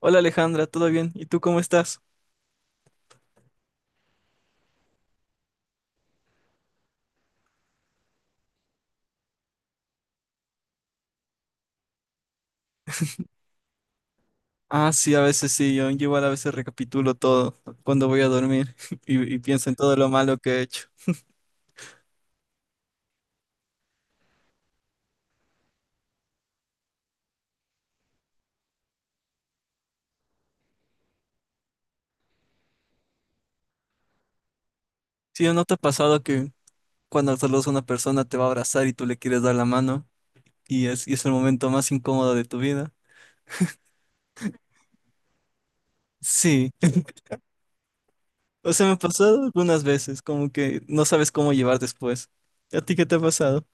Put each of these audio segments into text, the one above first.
Hola Alejandra, ¿todo bien? ¿Y tú cómo estás? Ah, sí, a veces sí, yo igual a veces recapitulo todo cuando voy a dormir y pienso en todo lo malo que he hecho. Sí, ¿no te ha pasado que cuando saludas a una persona te va a abrazar y tú le quieres dar la mano y es el momento más incómodo de tu vida? Sí, o sea, me ha pasado algunas veces, como que no sabes cómo llevar después. ¿A ti qué te ha pasado?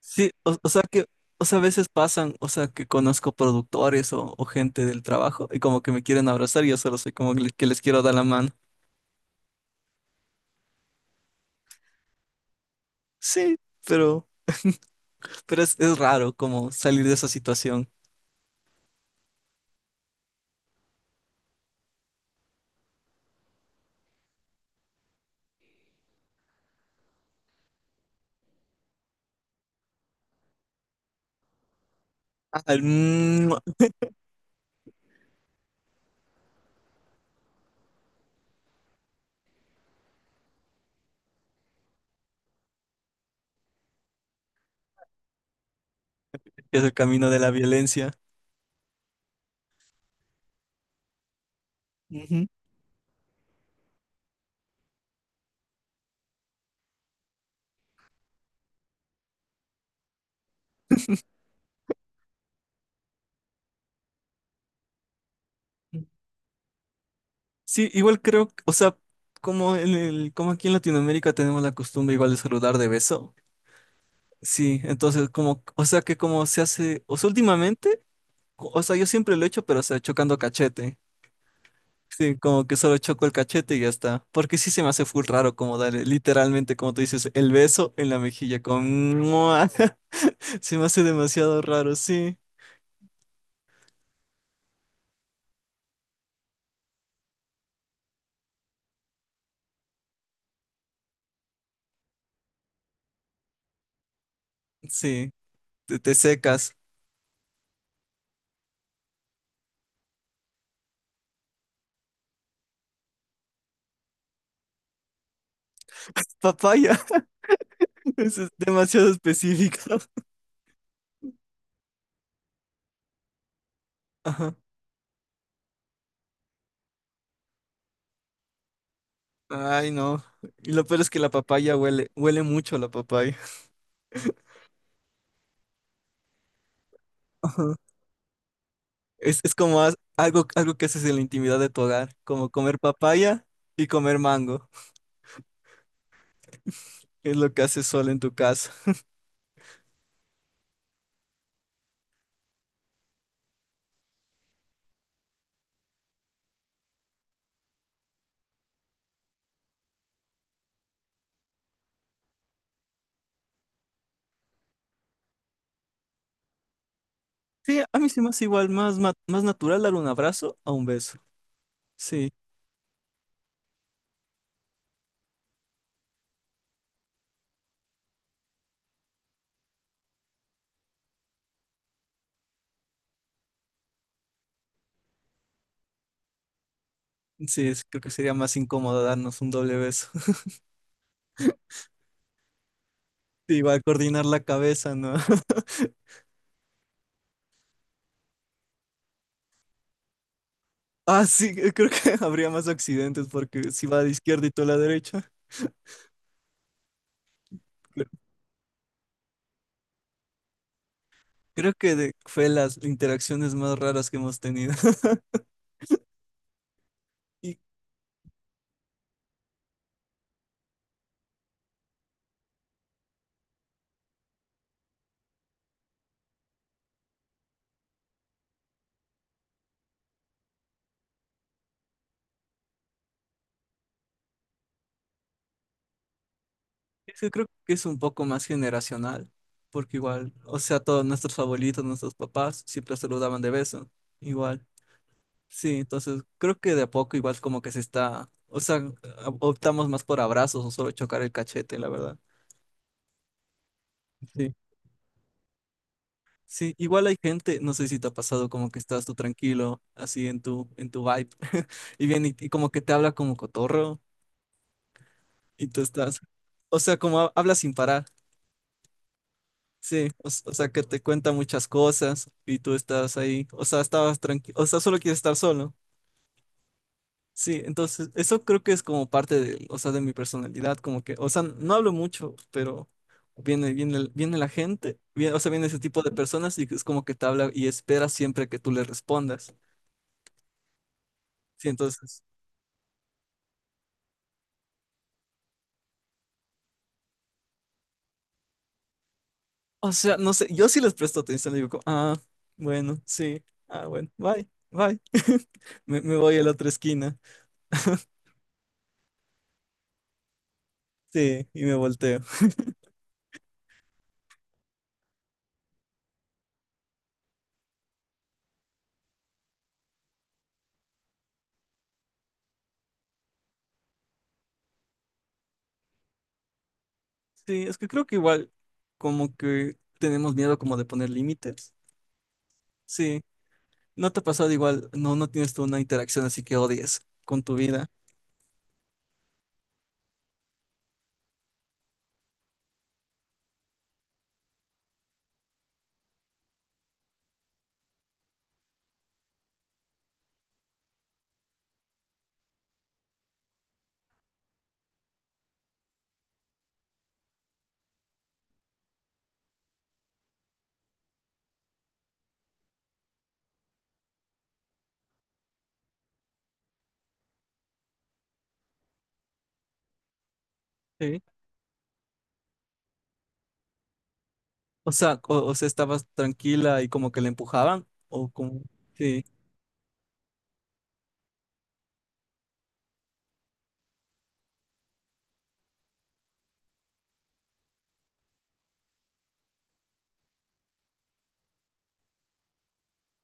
Sí, o sea que, o sea, a veces pasan, o sea, que conozco productores o gente del trabajo y como que me quieren abrazar y yo solo soy como que les quiero dar la mano. Sí, pero, pero es raro como salir de esa situación. Ah, el mua, que es el camino de la violencia. Ujú. Sí, igual creo, o sea, como en el, como aquí en Latinoamérica tenemos la costumbre igual de saludar de beso. Sí, entonces como, o sea que como se hace, o sea, últimamente, o sea, yo siempre lo he hecho, pero o sea, chocando cachete. Sí, como que solo choco el cachete y ya está. Porque sí se me hace full raro como darle, literalmente, como tú dices, el beso en la mejilla con ¡mua! Se me hace demasiado raro, sí, sí, te secas. Papaya, eso es demasiado específico. Ajá. Ay, no. Y lo peor es que la papaya huele, huele mucho la papaya. Ajá. Es como algo, algo que haces en la intimidad de tu hogar, como comer papaya y comer mango. Es lo que haces solo en tu casa. Sí, a mí se me hace igual más, más natural dar un abrazo a un beso. Sí, sí, creo que sería más incómodo darnos un doble beso. Sí, va a coordinar la cabeza, ¿no? Ah, sí, creo que habría más accidentes porque si va a la izquierda y tú a la derecha. Creo creo que fue las interacciones más raras que hemos tenido. Y es que creo que es un poco más generacional, porque igual, o sea, todos nuestros abuelitos, nuestros papás siempre saludaban de beso, igual. Sí, entonces creo que de a poco igual como que se está, o sea, optamos más por abrazos o solo chocar el cachete, la verdad. Sí. Sí, igual hay gente, no sé si te ha pasado como que estás tú tranquilo, así en tu vibe, y viene y como que te habla como cotorro, y tú estás, o sea, como habla sin parar, sí, o sea, que te cuenta muchas cosas, y tú estás ahí, o sea, estabas tranquilo, o sea, solo quieres estar solo. Sí, entonces eso creo que es como parte de, o sea, de mi personalidad, como que, o sea, no hablo mucho, pero viene la gente, o sea, viene ese tipo de personas y es como que te habla y espera siempre que tú le respondas. Sí, entonces, o sea, no sé, yo sí les presto atención, digo, como, ah, bueno, sí, ah, bueno, bye, bye. Me voy a la otra esquina, sí, y me volteo. Sí, es que creo que igual como que tenemos miedo como de poner límites. Sí, ¿no te ha pasado igual? No tienes tú una interacción así que odies con tu vida. Sí. O sea, o sea, estabas tranquila y como que le empujaban, o como, sí,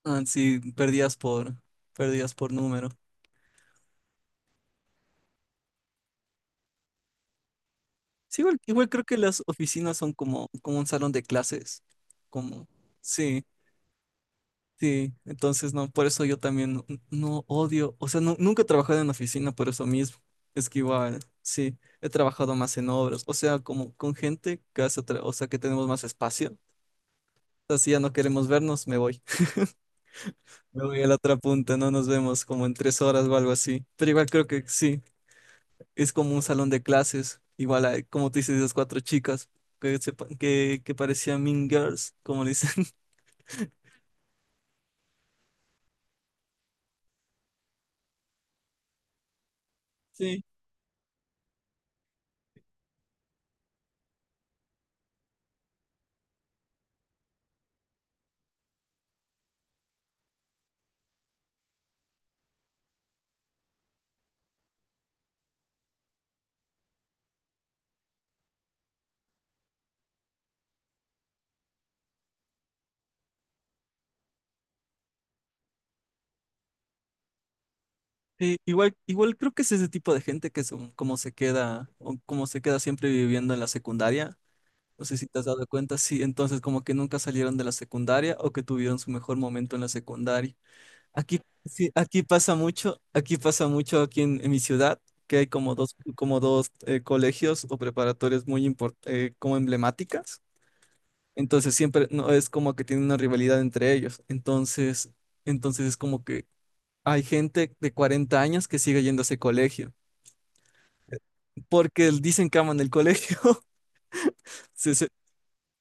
ah, sí, perdías por número. Sí, igual, igual creo que las oficinas son como, como un salón de clases, como, sí, sí. Entonces, no, por eso yo también no, no odio, o sea, nunca he trabajado en oficina por eso mismo. Es que igual, sí, he trabajado más en obras, o sea, como con gente que hace, o sea, que tenemos más espacio. Así ya no queremos vernos, me voy. Me voy a la otra punta, no nos vemos como en 3 horas o algo así. Pero igual creo que sí, es como un salón de clases. Igual, hay, como tú dices, esas cuatro chicas que, que parecían Mean Girls, como le dicen. Sí, sí, igual, igual creo que es ese tipo de gente que son como se queda, o como se queda siempre viviendo en la secundaria. No sé si te has dado cuenta, sí, entonces como que nunca salieron de la secundaria o que tuvieron su mejor momento en la secundaria. Aquí, sí, aquí pasa mucho, aquí pasa mucho aquí en mi ciudad, que hay como dos colegios o preparatorias muy como emblemáticas. Entonces siempre no es como que tienen una rivalidad entre ellos. Entonces es como que hay gente de 40 años que sigue yendo a ese colegio, porque dicen que aman el colegio. Se,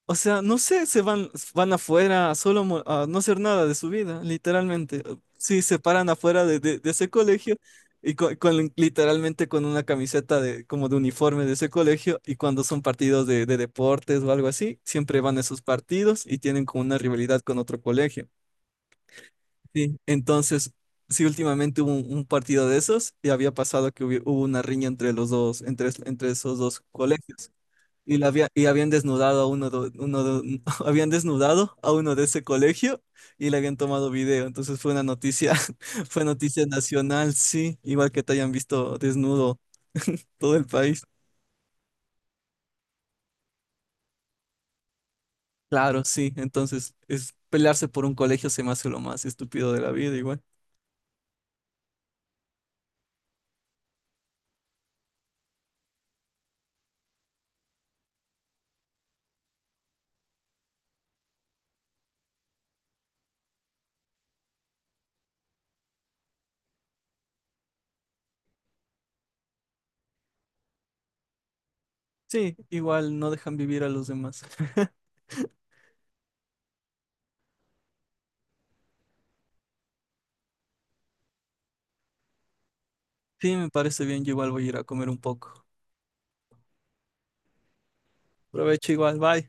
o sea, no sé, se van, van afuera solo a no hacer nada de su vida, literalmente. Sí, se paran afuera de ese colegio y con, literalmente con una camiseta de, como de uniforme de ese colegio y cuando son partidos de deportes o algo así, siempre van a esos partidos y tienen como una rivalidad con otro colegio. Sí, entonces, sí, últimamente hubo un partido de esos y había pasado que hubo una riña entre los dos, entre esos dos colegios. Y habían desnudado a habían desnudado a uno de ese colegio y le habían tomado video. Entonces fue una noticia, fue noticia nacional, sí, igual que te hayan visto desnudo todo el país. Claro, sí. Entonces, es pelearse por un colegio se me hace lo más estúpido de la vida, igual. Sí, igual no dejan vivir a los demás. Sí, me parece bien, yo igual voy a ir a comer un poco. Provecho igual, bye.